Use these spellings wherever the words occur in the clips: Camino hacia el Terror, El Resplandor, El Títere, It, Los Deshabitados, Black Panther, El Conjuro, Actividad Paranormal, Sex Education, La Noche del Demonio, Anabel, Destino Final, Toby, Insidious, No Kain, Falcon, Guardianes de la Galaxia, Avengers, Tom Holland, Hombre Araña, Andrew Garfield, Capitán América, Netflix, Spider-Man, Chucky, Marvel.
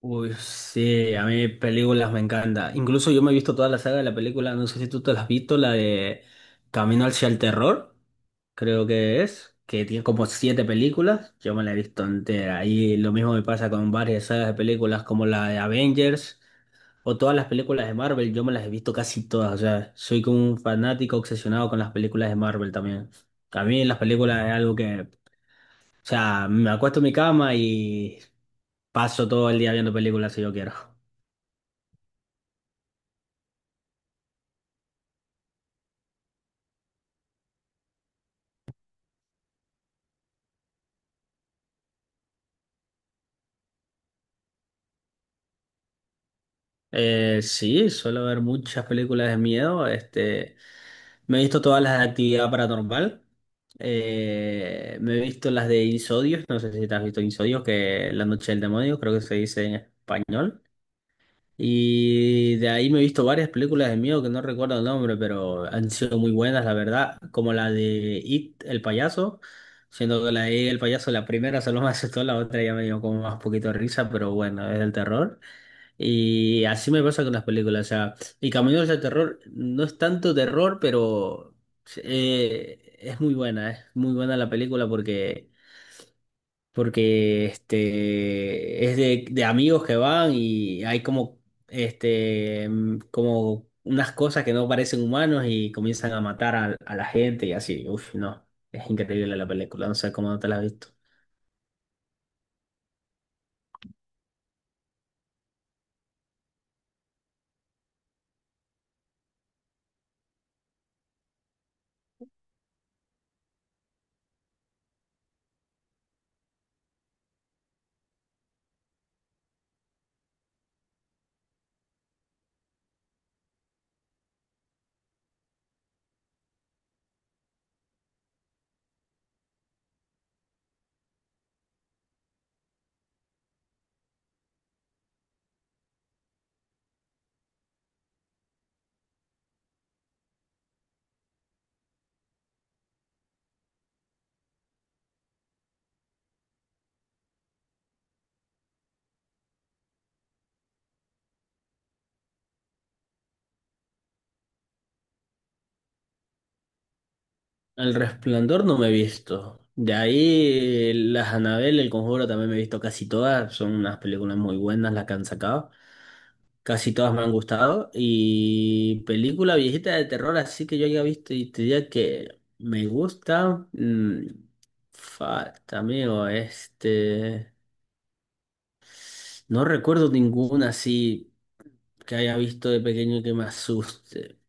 Uy, sí, a mí películas me encanta. Incluso yo me he visto toda la saga de la película, no sé si tú te la has visto, la de Camino hacia el Terror, creo que es, que tiene como siete películas, yo me la he visto entera. Y lo mismo me pasa con varias sagas de películas como la de Avengers o todas las películas de Marvel, yo me las he visto casi todas, o sea, soy como un fanático obsesionado con las películas de Marvel también. A mí las películas es algo que, o sea, me acuesto en mi cama y paso todo el día viendo películas si yo quiero. Sí, suelo ver muchas películas de miedo. Este, me he visto todas las de actividad paranormal. Me he visto las de Insidious. No sé si te has visto Insidious, que La Noche del Demonio, creo que se dice en español. Y de ahí me he visto varias películas de miedo que no recuerdo el nombre, pero han sido muy buenas, la verdad. Como la de It, el payaso. Siendo que la de It, el payaso, la primera solo me asustó, la otra ya me dio como más poquito de risa, pero bueno, es del terror. Y así me pasa con las películas, o sea, y Caminos de Terror no es tanto terror, pero es muy buena la película porque, porque este, es de amigos que van y hay como, este, como unas cosas que no parecen humanos y comienzan a matar a la gente y así, uf, no, es increíble la película, no sé cómo no te la has visto. El Resplandor no me he visto. De ahí, las Anabel, El Conjuro también me he visto casi todas. Son unas películas muy buenas las que han sacado. Casi todas me han gustado. Y película viejita de terror, así que yo haya visto y te diría que me gusta. Falta, amigo, este. No recuerdo ninguna así que haya visto de pequeño que me asuste.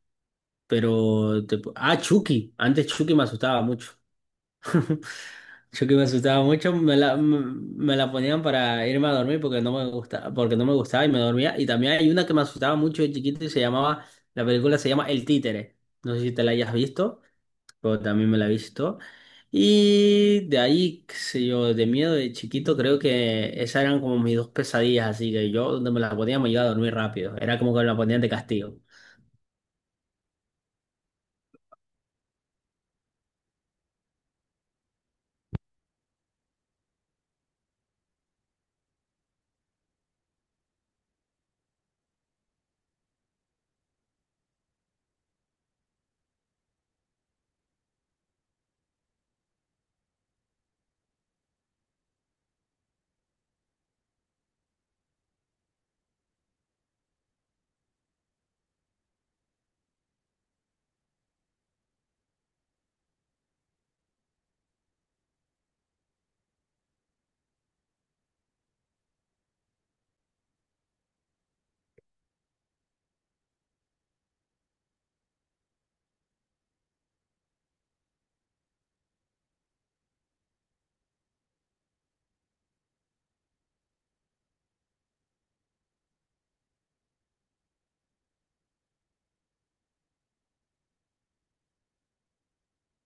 Pero. Ah, Chucky. Antes Chucky me asustaba mucho. Yo que me asustaba mucho, me la ponían para irme a dormir porque no me gustaba, porque no me gustaba y me dormía. Y también hay una que me asustaba mucho de chiquito y se llamaba, la película se llama El Títere. No sé si te la hayas visto, pero también me la he visto. Y de ahí, qué sé yo, de miedo de chiquito, creo que esas eran como mis dos pesadillas, así que yo donde me la ponía me iba a dormir rápido. Era como que me la ponían de castigo.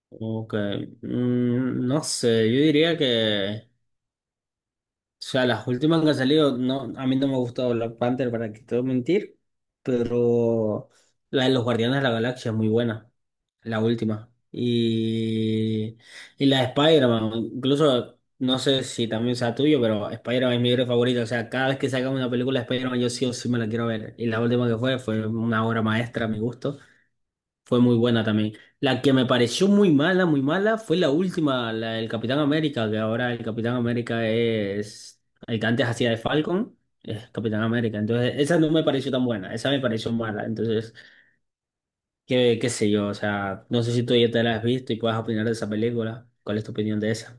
Como que, no sé, yo diría que... O sea, las últimas que han salido, no, a mí no me ha gustado Black Panther, para que te voy a mentir, pero la de los Guardianes de la Galaxia es muy buena, la última. Y la de Spider-Man, incluso, no sé si también sea tuyo, pero Spider-Man es mi héroe favorito. O sea, cada vez que sacan una película de Spider-Man, yo sí o sí me la quiero ver. Y la última que fue, fue una obra maestra a mi gusto. Fue muy buena también. La que me pareció muy mala, fue la última, la del Capitán América, que ahora el Capitán América es el que antes hacía de Falcon, es Capitán América. Entonces, esa no me pareció tan buena, esa me pareció mala. Entonces, qué, qué sé yo, o sea, no sé si tú ya te la has visto y puedes opinar de esa película. ¿Cuál es tu opinión de esa?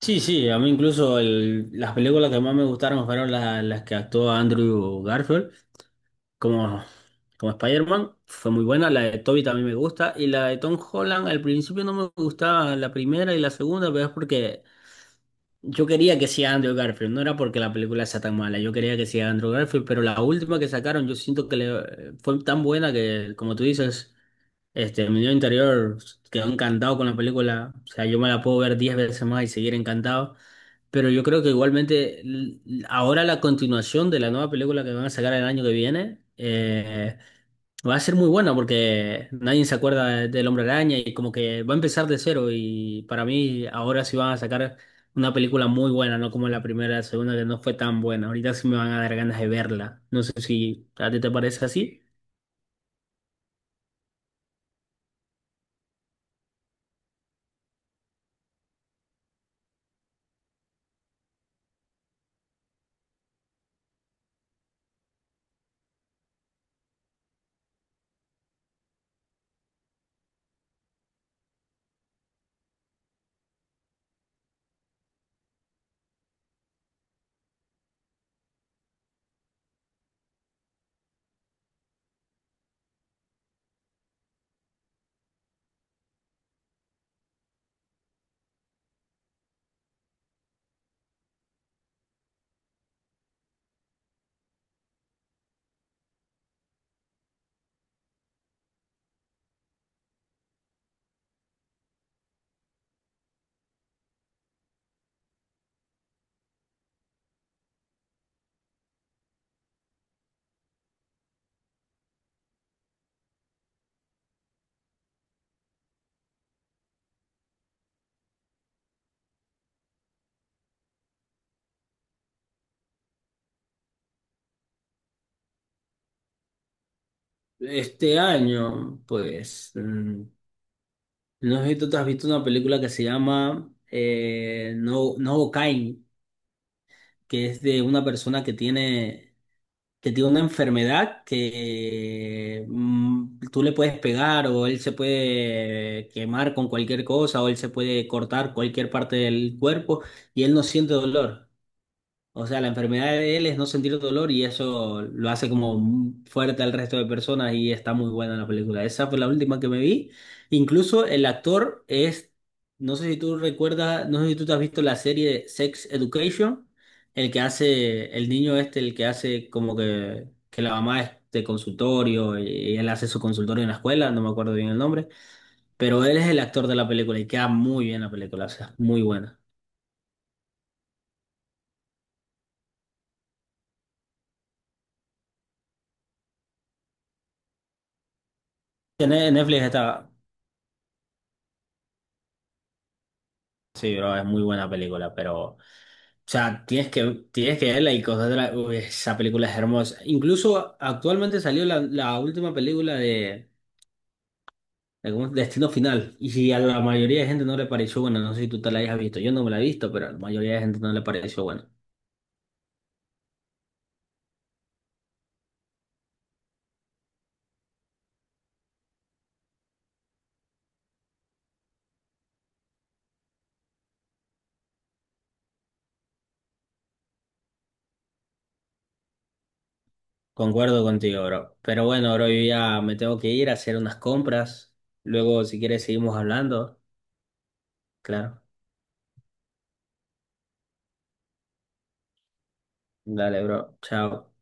Sí, sí, a mí incluso las películas que más me gustaron fueron las que actuó Andrew Garfield, como como Spider-Man, fue muy buena. La de Toby también me gusta. Y la de Tom Holland, al principio no me gustaba la primera y la segunda, pero es porque yo quería que sea Andrew Garfield, no era porque la película sea tan mala, yo quería que sea Andrew Garfield, pero la última que sacaron yo siento que le, fue tan buena que, como tú dices, este, mi niño interior quedó encantado con la película, o sea, yo me la puedo ver 10 veces más y seguir encantado, pero yo creo que igualmente ahora la continuación de la nueva película que van a sacar el año que viene, va a ser muy buena porque nadie se acuerda del Hombre Araña y como que va a empezar de cero y para mí ahora sí van a sacar una película muy buena, no como la primera, la segunda que no fue tan buena. Ahorita sí me van a dar ganas de verla. No sé si a ti te parece así. Este año, pues, no sé si tú te has visto una película que se llama No, No Kain, que es de una persona que tiene una enfermedad que tú le puedes pegar o él se puede quemar con cualquier cosa o él se puede cortar cualquier parte del cuerpo y él no siente dolor. O sea, la enfermedad de él es no sentir dolor y eso lo hace como fuerte al resto de personas y está muy buena la película. Esa fue la última que me vi. Incluso el actor es, no sé si tú recuerdas, no sé si tú te has visto la serie Sex Education, el que hace, el niño este, el que hace como que la mamá es de consultorio y él hace su consultorio en la escuela, no me acuerdo bien el nombre, pero él es el actor de la película y queda muy bien la película, o sea, muy buena. En Netflix está... Sí, bro, es muy buena película, pero, o sea, tienes que verla y cosas de la, uy, esa película es hermosa. Incluso actualmente salió la, la última película de ¿cómo es? Destino Final, y si a la mayoría de gente no le pareció buena, no sé si tú te la hayas visto, yo no me la he visto, pero a la mayoría de gente no le pareció buena. Concuerdo contigo, bro. Pero bueno, bro, yo ya me tengo que ir a hacer unas compras. Luego, si quieres, seguimos hablando. Claro. Dale, bro. Chao.